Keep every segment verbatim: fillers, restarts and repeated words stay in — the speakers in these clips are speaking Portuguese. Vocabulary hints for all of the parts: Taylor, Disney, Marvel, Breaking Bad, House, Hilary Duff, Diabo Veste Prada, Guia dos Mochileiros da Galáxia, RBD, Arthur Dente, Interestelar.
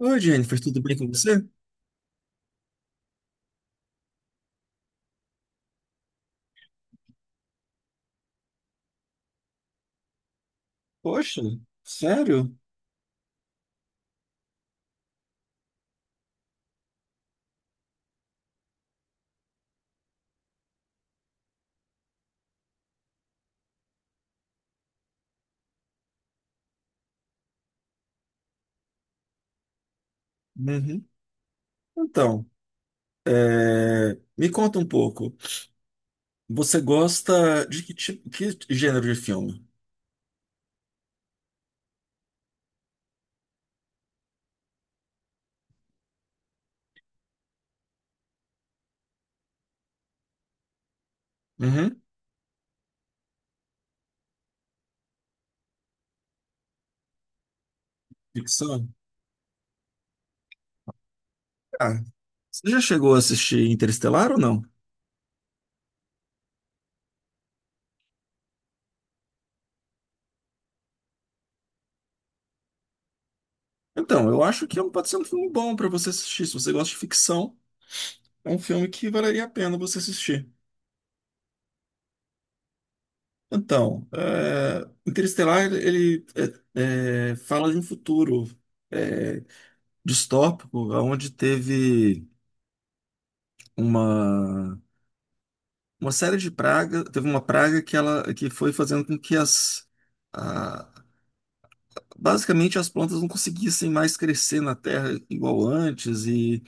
Oi, Jennifer, tudo bem com você? Poxa, sério? Uhum. Então, é, me conta um pouco. Você gosta de que tipo, que gênero de filme? Uhum. Ficção? Ah, você já chegou a assistir Interestelar ou não? Então, eu acho que é um- pode ser um filme bom para você assistir. Se você gosta de ficção, é um filme que valeria a pena você assistir. Então, é, Interestelar, ele é, é, fala de um futuro é, distópico, onde teve uma, uma série de pragas, teve uma praga que ela que foi fazendo com que as a- basicamente as plantas não conseguissem mais crescer na terra igual antes e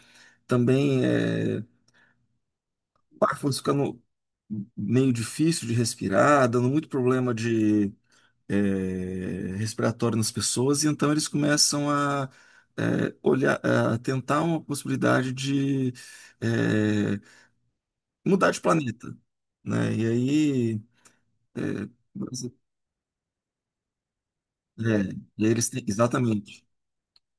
também, é, o ar foi ficando meio difícil de respirar, dando muito problema de é, respiratório nas pessoas, e então eles começam a, é, olhar, a tentar uma possibilidade de é, mudar de planeta, né? E aí, É, mas- é, e aí eles têm, exatamente.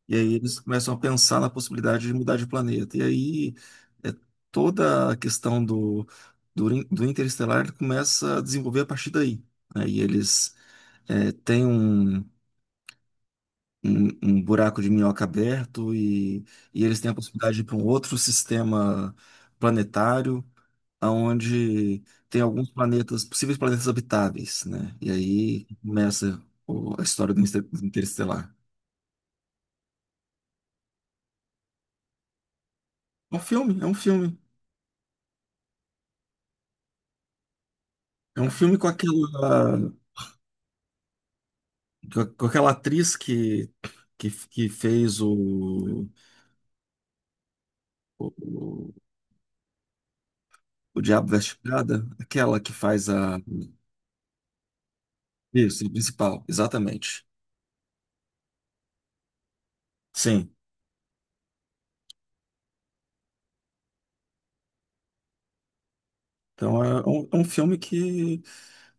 E aí eles começam a pensar na possibilidade de mudar de planeta. E aí, é, toda a questão do, do, in- do interestelar começa a desenvolver a partir daí. Aí eles é, têm um, um, um buraco de minhoca aberto, e, e eles têm a possibilidade de ir para um outro sistema planetário, onde tem alguns planetas, possíveis planetas habitáveis, né? E aí começa o- a história do Inter- Interestelar. É um filme, é um filme. É um filme com aquela, com com aquela atriz que, que, que fez o, o, o Diabo Veste Prada, aquela que faz a. Isso, a principal, exatamente. Sim. Então é um, é um filme que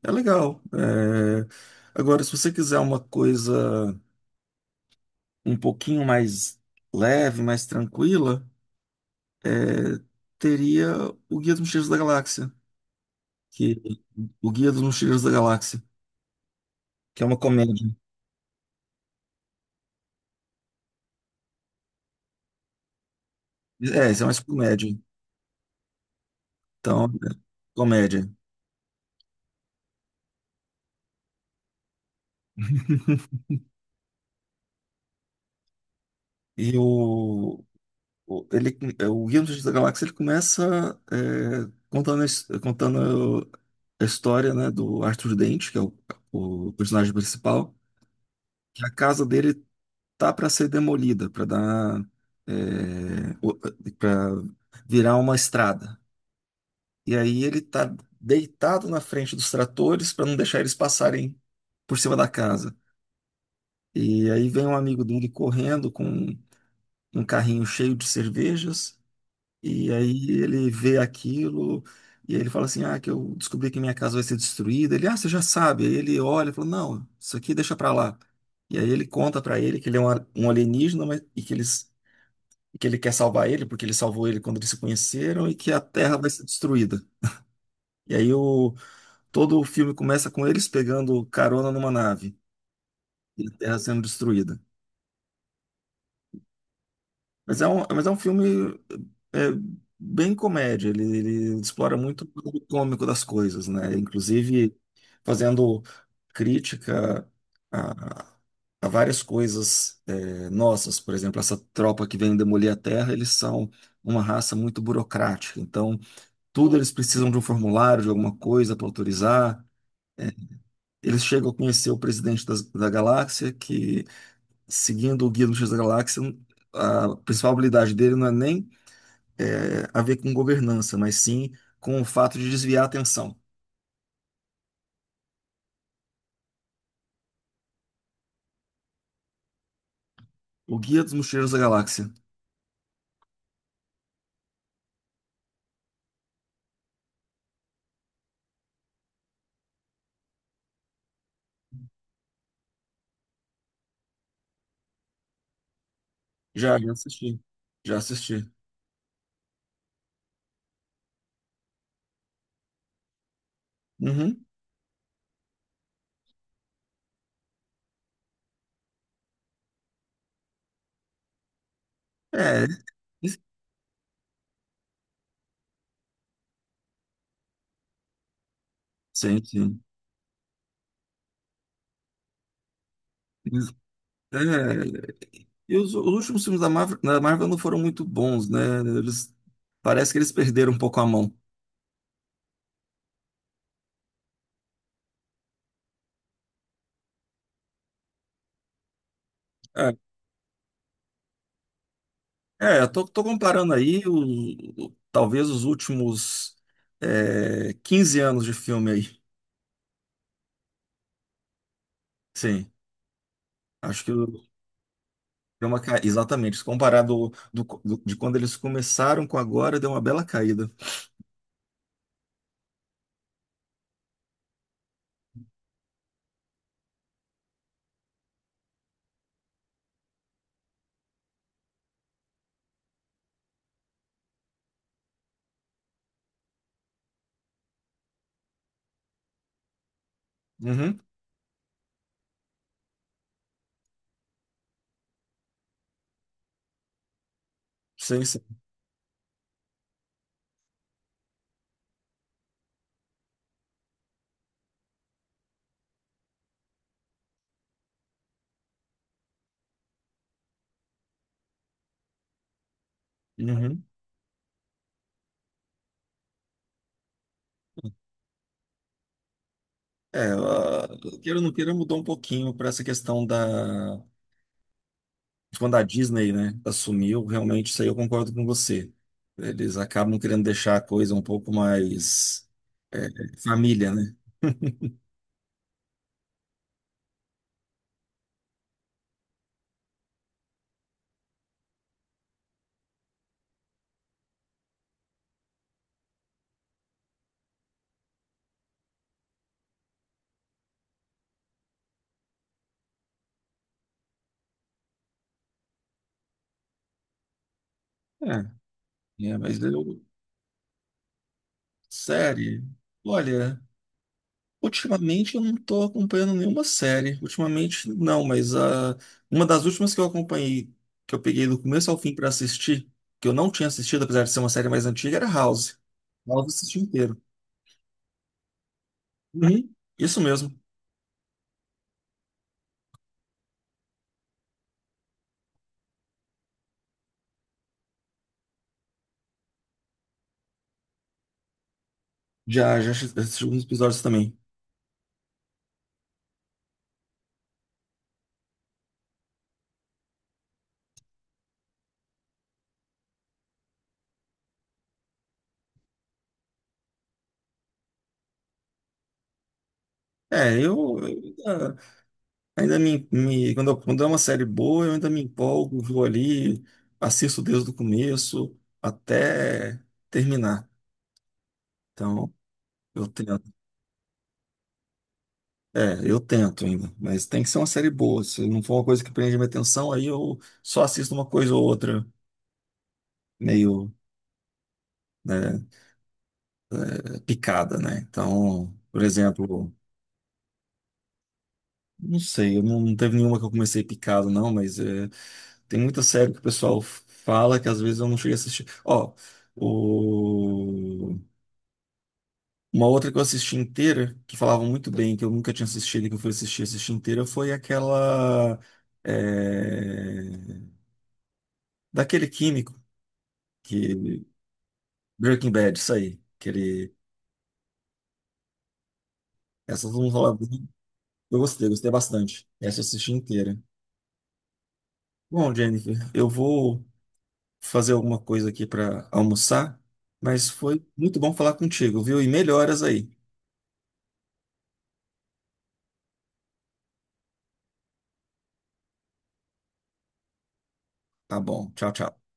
é legal. É, Agora, se você quiser uma coisa um pouquinho mais leve, mais tranquila, é, teria o Guia dos Mochileiros da Galáxia, que o Guia dos Mochileiros da Galáxia, que é uma comédia. É, isso é mais comédia. Então, é, comédia. E o, o- ele, o Guia dos Mochileiros da Galáxia, ele começa é, contando, a his- contando a história, né, do Arthur Dente, que é o, o personagem principal, que a casa dele tá para ser demolida, para dar, para virar uma estrada. E aí ele tá deitado na frente dos tratores para não deixar eles passarem por cima da casa. E aí vem um amigo dele correndo com um carrinho cheio de cervejas. E aí ele vê aquilo, e aí ele fala assim: "Ah, que eu descobri que minha casa vai ser destruída." Ele: "Ah, você já sabe." Aí ele olha e fala: "Não, isso aqui deixa para lá." E aí ele conta para ele que ele é um, a- um alienígena, mas- e que eles e que ele quer salvar ele, porque ele salvou ele quando eles se conheceram, e que a Terra vai ser destruída. E aí, o, todo o filme começa com eles pegando carona numa nave, e a Terra sendo destruída. Mas é um, mas é um filme é, bem comédia. ele, ele explora muito o lado cômico das coisas, né? Inclusive fazendo crítica a, a várias coisas é, nossas. Por exemplo, essa tropa que vem demolir a Terra, eles são uma raça muito burocrática. Então, tudo eles precisam de um formulário, de alguma coisa para autorizar. Eles chegam a conhecer o presidente das- da galáxia, que, seguindo o Guia do Mochileiro da Galáxia, a principal habilidade dele não é nem é, a ver com governança, mas sim com o fato de desviar a atenção. O Guia dos Mochileiros da Galáxia. Já, já assisti. Já assisti. Uhum. É, sim, sim. É, e os, os últimos filmes da Marvel, da Marvel não foram muito bons, né? Eles, parece que eles perderam um pouco a mão. É, é, eu tô, tô comparando aí o, o- talvez os últimos, é, quinze anos de filme aí. Sim, acho que deu uma ca... exatamente, se comparar do, do- do- de quando eles começaram com agora, deu uma bela caída. Uhum, sim, sim. Uhum. É, a- queira ou não queira, mudou um pouquinho para essa questão da... de quando a Disney, né, assumiu, realmente isso aí eu concordo com você. Eles acabam querendo deixar a coisa um pouco mais, é, família, né? É, é, mas eu, Série? Olha, ultimamente eu não tô acompanhando nenhuma série. Ultimamente não, mas ah, uma das últimas que eu acompanhei, que eu peguei do começo ao fim pra assistir, que eu não tinha assistido, apesar de ser uma série mais antiga, era House. House eu assisti inteiro. Uhum, isso mesmo. Já, já assisti alguns episódios também. É, eu, eu ainda, ainda me, me- quando, eu- quando é uma série boa, eu ainda me empolgo, vou ali, assisto desde o começo até terminar. Então, eu tenho. É, eu tento ainda, mas tem que ser uma série boa. Se não for uma coisa que prende minha atenção, aí eu só assisto uma coisa ou outra meio, né, picada, né? Então, por exemplo, não sei, eu não, não teve nenhuma que eu comecei picado, não, mas é, tem muita série que o pessoal fala que às vezes eu não cheguei a assistir. Ó, o- uma outra que eu assisti inteira, que falavam muito bem, que eu nunca tinha assistido e que eu fui assistir, assistir inteira, foi aquela, é, daquele químico que Breaking Bad, isso aí. Que ele... Essa todo mundo fala bem. Eu gostei, gostei bastante. Essa eu assisti inteira. Bom, Jennifer, eu vou fazer alguma coisa aqui para almoçar, mas foi muito bom falar contigo, viu? E melhoras aí. Tá bom. Tchau, tchau.